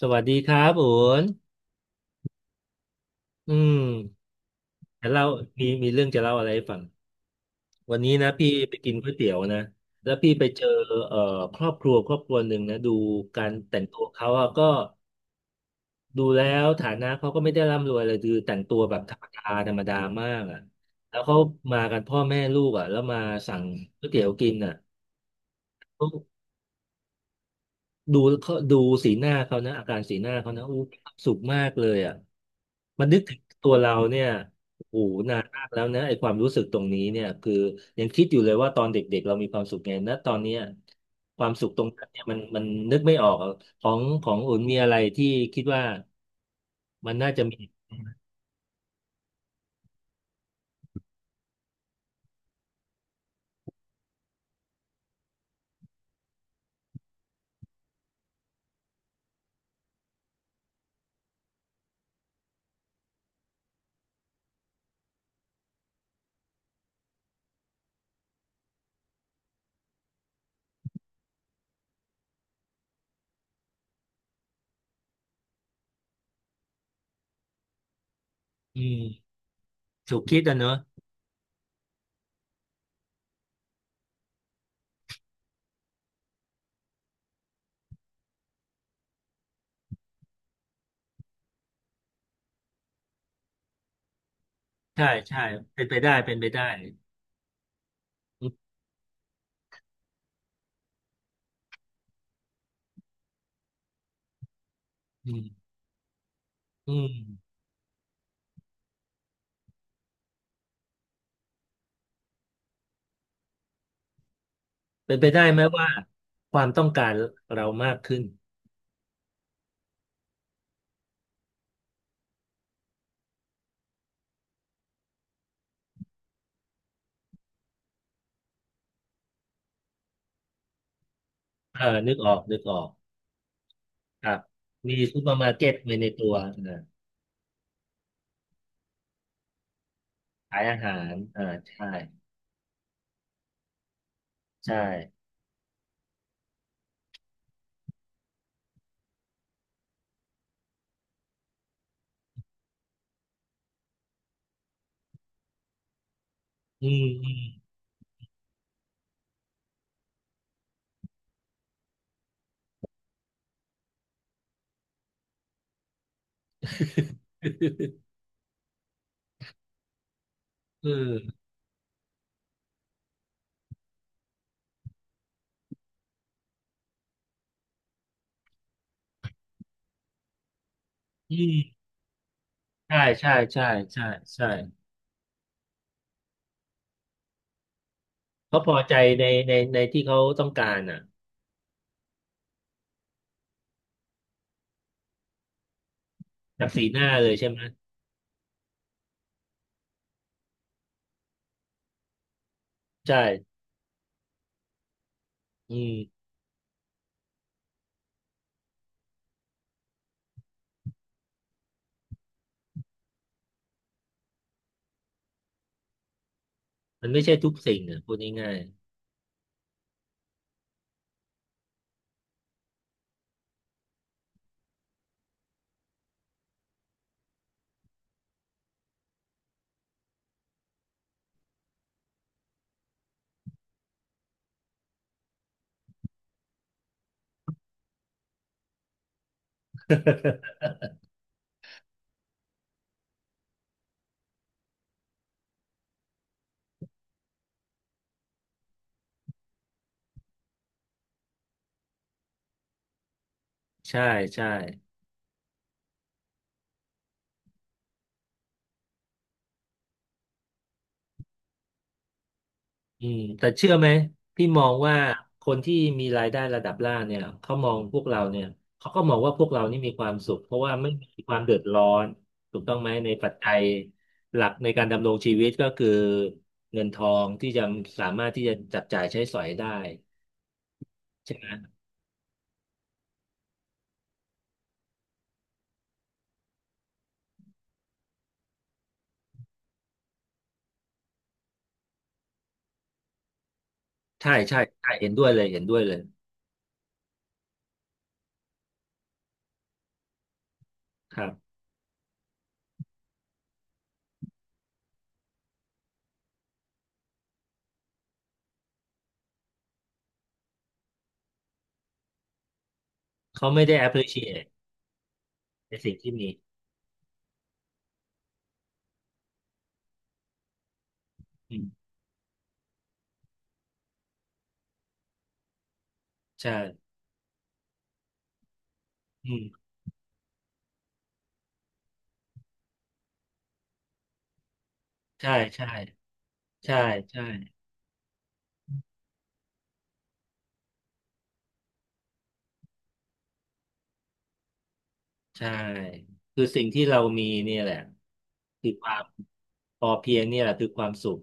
สวัสดีครับอุ๋นอืมจะเล่ามีเรื่องจะเล่าอะไรให้ฟัง วันนี้นะพี่ไปกินก๋วยเตี๋ยวนะแล้วพี่ไปเจอเอ่อครอบครัวหนึ่งนะดูการแต่งตัวเขาอะก็ดูแล้วฐานะเขาก็ไม่ได้ร่ำรวยเลยคือแต่งตัวแบบธรรมดาธรรมดามากอะแล้วเขามากันพ่อแม่ลูกอะแล้วมาสั่งก๋วยเตี๋ยวกินอะ ดูเขาดูสีหน้าเขานะอาการสีหน้าเขานะอู้มีความสุขมากเลยอ่ะมันนึกถึงตัวเราเนี่ยโอ้โหนานมากแล้วนะไอ้ความรู้สึกตรงนี้เนี่ยคือยังคิดอยู่เลยว่าตอนเด็กๆเรามีความสุขไงนะตอนเนี้ยความสุขตรงนั้นเนี่ยมันนึกไม่ออกอะของอุ่นมีอะไรที่คิดว่ามันน่าจะมีอืมถูกคิดอ่ะเนอะใช่ใช่เป็นไปได้เป็นไปได้อืมอืมอืมเป็นไปได้ไหมว่าความต้องการเรามากขึ้น เออนึกออกนึกออกครับมีซูเปอร์มาร์เก็ตไว้ในตัวนะขายอาหารอ่าใช่ใช่อืมอืม เอออืมใช่ใช่ใช่ใช่ใช่เขาพอใจในที่เขาต้องการอ่ะจากสีหน้าเลยใช่ไหมใช่อืมมันไม่ใช่ทุกสิ่งอ่ะพูดง่ายๆใช่ใช่ อืมแต่เชื่อไหมพี่มองว่าคนที่มีรายได้ระดับล่างเนี่ยเขามองพวกเราเนี่ยเขาก็มองว่าพวกเรานี่มีความสุขเพราะว่าไม่มีความเดือดร้อนถูกต้องไหมในปัจจัยหลักในการดำรงชีวิตก็คือเงินทองที่จะสามารถที่จะจับจ่ายใช้สอยได้ใช่ไหมใช่ใช่ใช่เห็นด้วยเลยเห็นด้วยเลยครับเขาไม่ได้ appreciate ในสิ่งที่มีอืมใช่อืมใช่ใช่ใช่ใช่ ใช่คือสิ่งที่เรามีเนี่ยแหละคือความพอเพียงเนี่ยแหละคือความสุข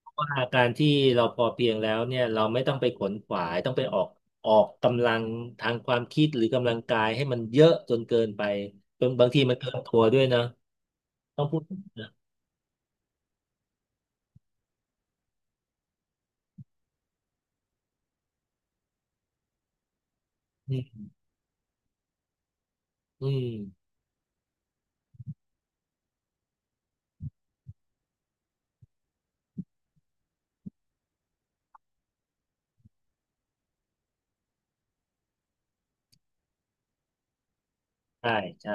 เพราะว่าการที่เราพอเพียงแล้วเนี่ยเราไม่ต้องไปขนขวายต้องไปออกกำลังทางความคิดหรือกำลังกายให้มันเยอะจนเกินไปจนบางทีมันเกินตัวด้วยนะต้องพูดนะอืมอืมใช่ใช่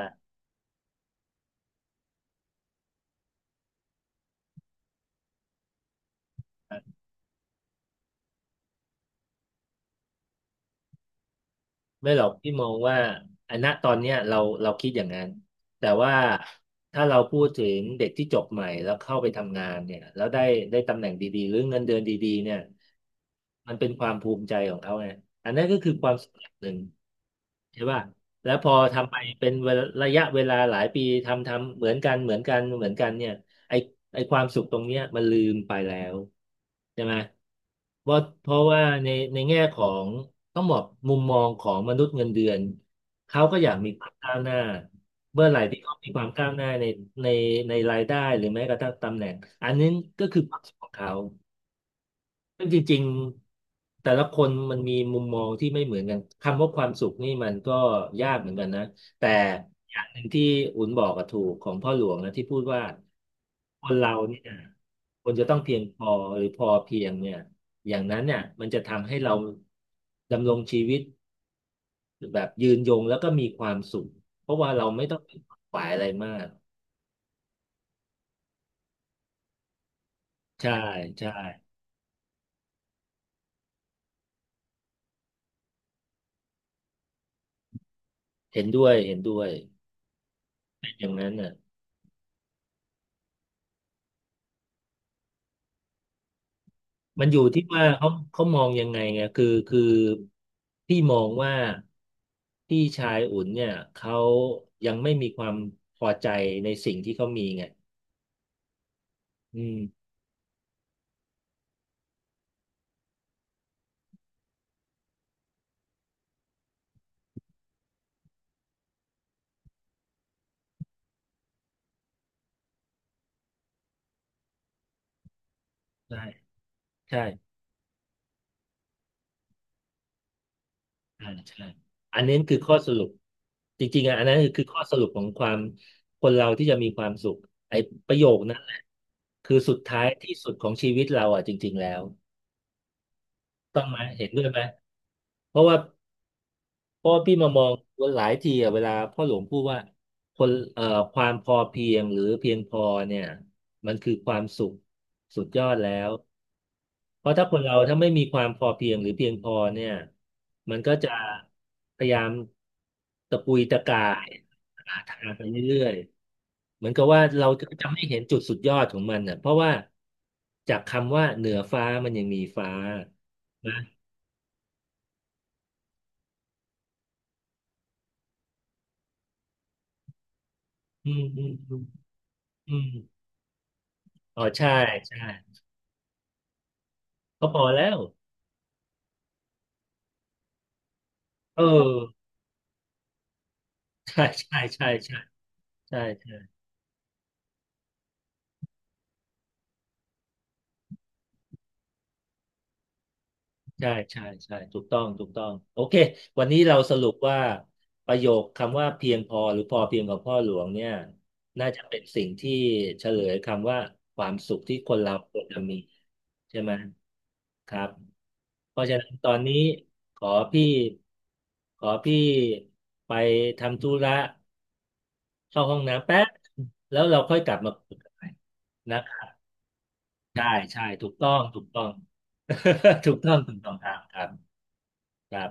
ไม่หรอกพี่มองว่าอันณตอนเนี้ยเราเราคิดอย่างนั้นแต่ว่าถ้าเราพูดถึงเด็กที่จบใหม่แล้วเข้าไปทำงานเนี่ยแล้วได้ตำแหน่งดีๆหรือเงินเดือนดีๆเนี่ยมันเป็นความภูมิใจของเขาไงอันนั้นก็คือความสำเร็จหนึ่งใช่ป่ะแล้วพอทำไปเป็นเวลาระยะเวลาหลายปีทำเหมือนกันเหมือนกันเหมือนกันเนี่ยไอ้ ไอ้ความสุขตรงเนี้ยมันลืมไปแล้วใช่ไหมว่าเพราะว่าในในแง่ของต้องบอกมุมมองของมนุษย์เงินเดือนเขาก็อยากมีความก้าวหน้าเมื่อไหร่ที่เขามีความก้าวหน้าในในในรายได้หรือแม้กระทั่งตำแหน่งอันนี้ก็คือความสุขของเขา ซึ่งจริงๆแต่ละคนมันมีมุมมองที่ไม่เหมือนกันคำว่าความสุขนี่มันก็ยากเหมือนกันนะแต่อย่างหนึ่งที่อุ่นบอกกับถูกของพ่อหลวงนะที่พูดว่าคนเราเนี่ยคนจะต้องเพียงพอหรือพอเพียงเนี่ยอย่างนั้นเนี่ยมันจะทำให้เราดำรงชีวิตแบบยืนยงแล้วก็มีความสุขเพราะว่าเราไม่ต้องไปขวนขวายอะไรมากใช่ใช่เห็นด้วยเห็นด้วยเป็นอย่างนั้นน่ะ มันอยู่ที่ว่าเขาเขามองยังไงไงคือพี่มองว่าพี่ชายอุ่นเนี่ยเขายังไม่มีความพอใจในสิ่งที่เขามีไงอืมใช่ใช่อ่าใช่อันนี้คือข้อสรุปจริงๆอ่ะอันนั้นคือข้อสรุปของความคนเราที่จะมีความสุขไอ้ประโยคนั้นแหละคือสุดท้ายที่สุดของชีวิตเราอ่ะจริงๆแล้วต้องไหมเห็นด้วยไหมเพราะว่า เพราะว่าพี่มามองว่าหลายทีอะเวลาพ่อหลวงพูดว่าคนความพอเพียงหรือเพียงพอเนี่ยมันคือความสุขสุดยอดแล้วเพราะถ้าคนเราถ้าไม่มีความพอเพียงหรือเพียงพอเนี่ยมันก็จะพยายามตะปุยตะกายหาทางไปเรื่อยๆเหมือนกับว่าเราจะไม่เห็นจุดสุดยอดของมันอ่ะเพราะว่าจากคำว่าเหนือฟ้ามันยังมีฟ้านะอืมอืมอืมอืมอ๋อใช่ใช่ ก็พอแล้วเออใช่ใช่ใช่ใช่ใช่ใช่ใช่ใช่ใช่ถูกต้องถูกต้องโอเควันนี้เราสรุปว่าประโยคคำว่าเพียงพอหรือพอเพียงของพ่อหลวงเนี่ยน่าจะเป็นสิ่งที่เฉลยคำว่าความสุขที่คนเราควรจะมีใช่ไหมครับเพราะฉะนั้นตอนนี้ขอพี่ขอพี่ไปทำธุระเข้าห้องน้ำแป๊บแล้วเราค่อยกลับมาคุยกันใหม่นะครับ ใช่ใช่ถูกต้องถูกต้อง ถูกต้องถูกต้องครับครับครับ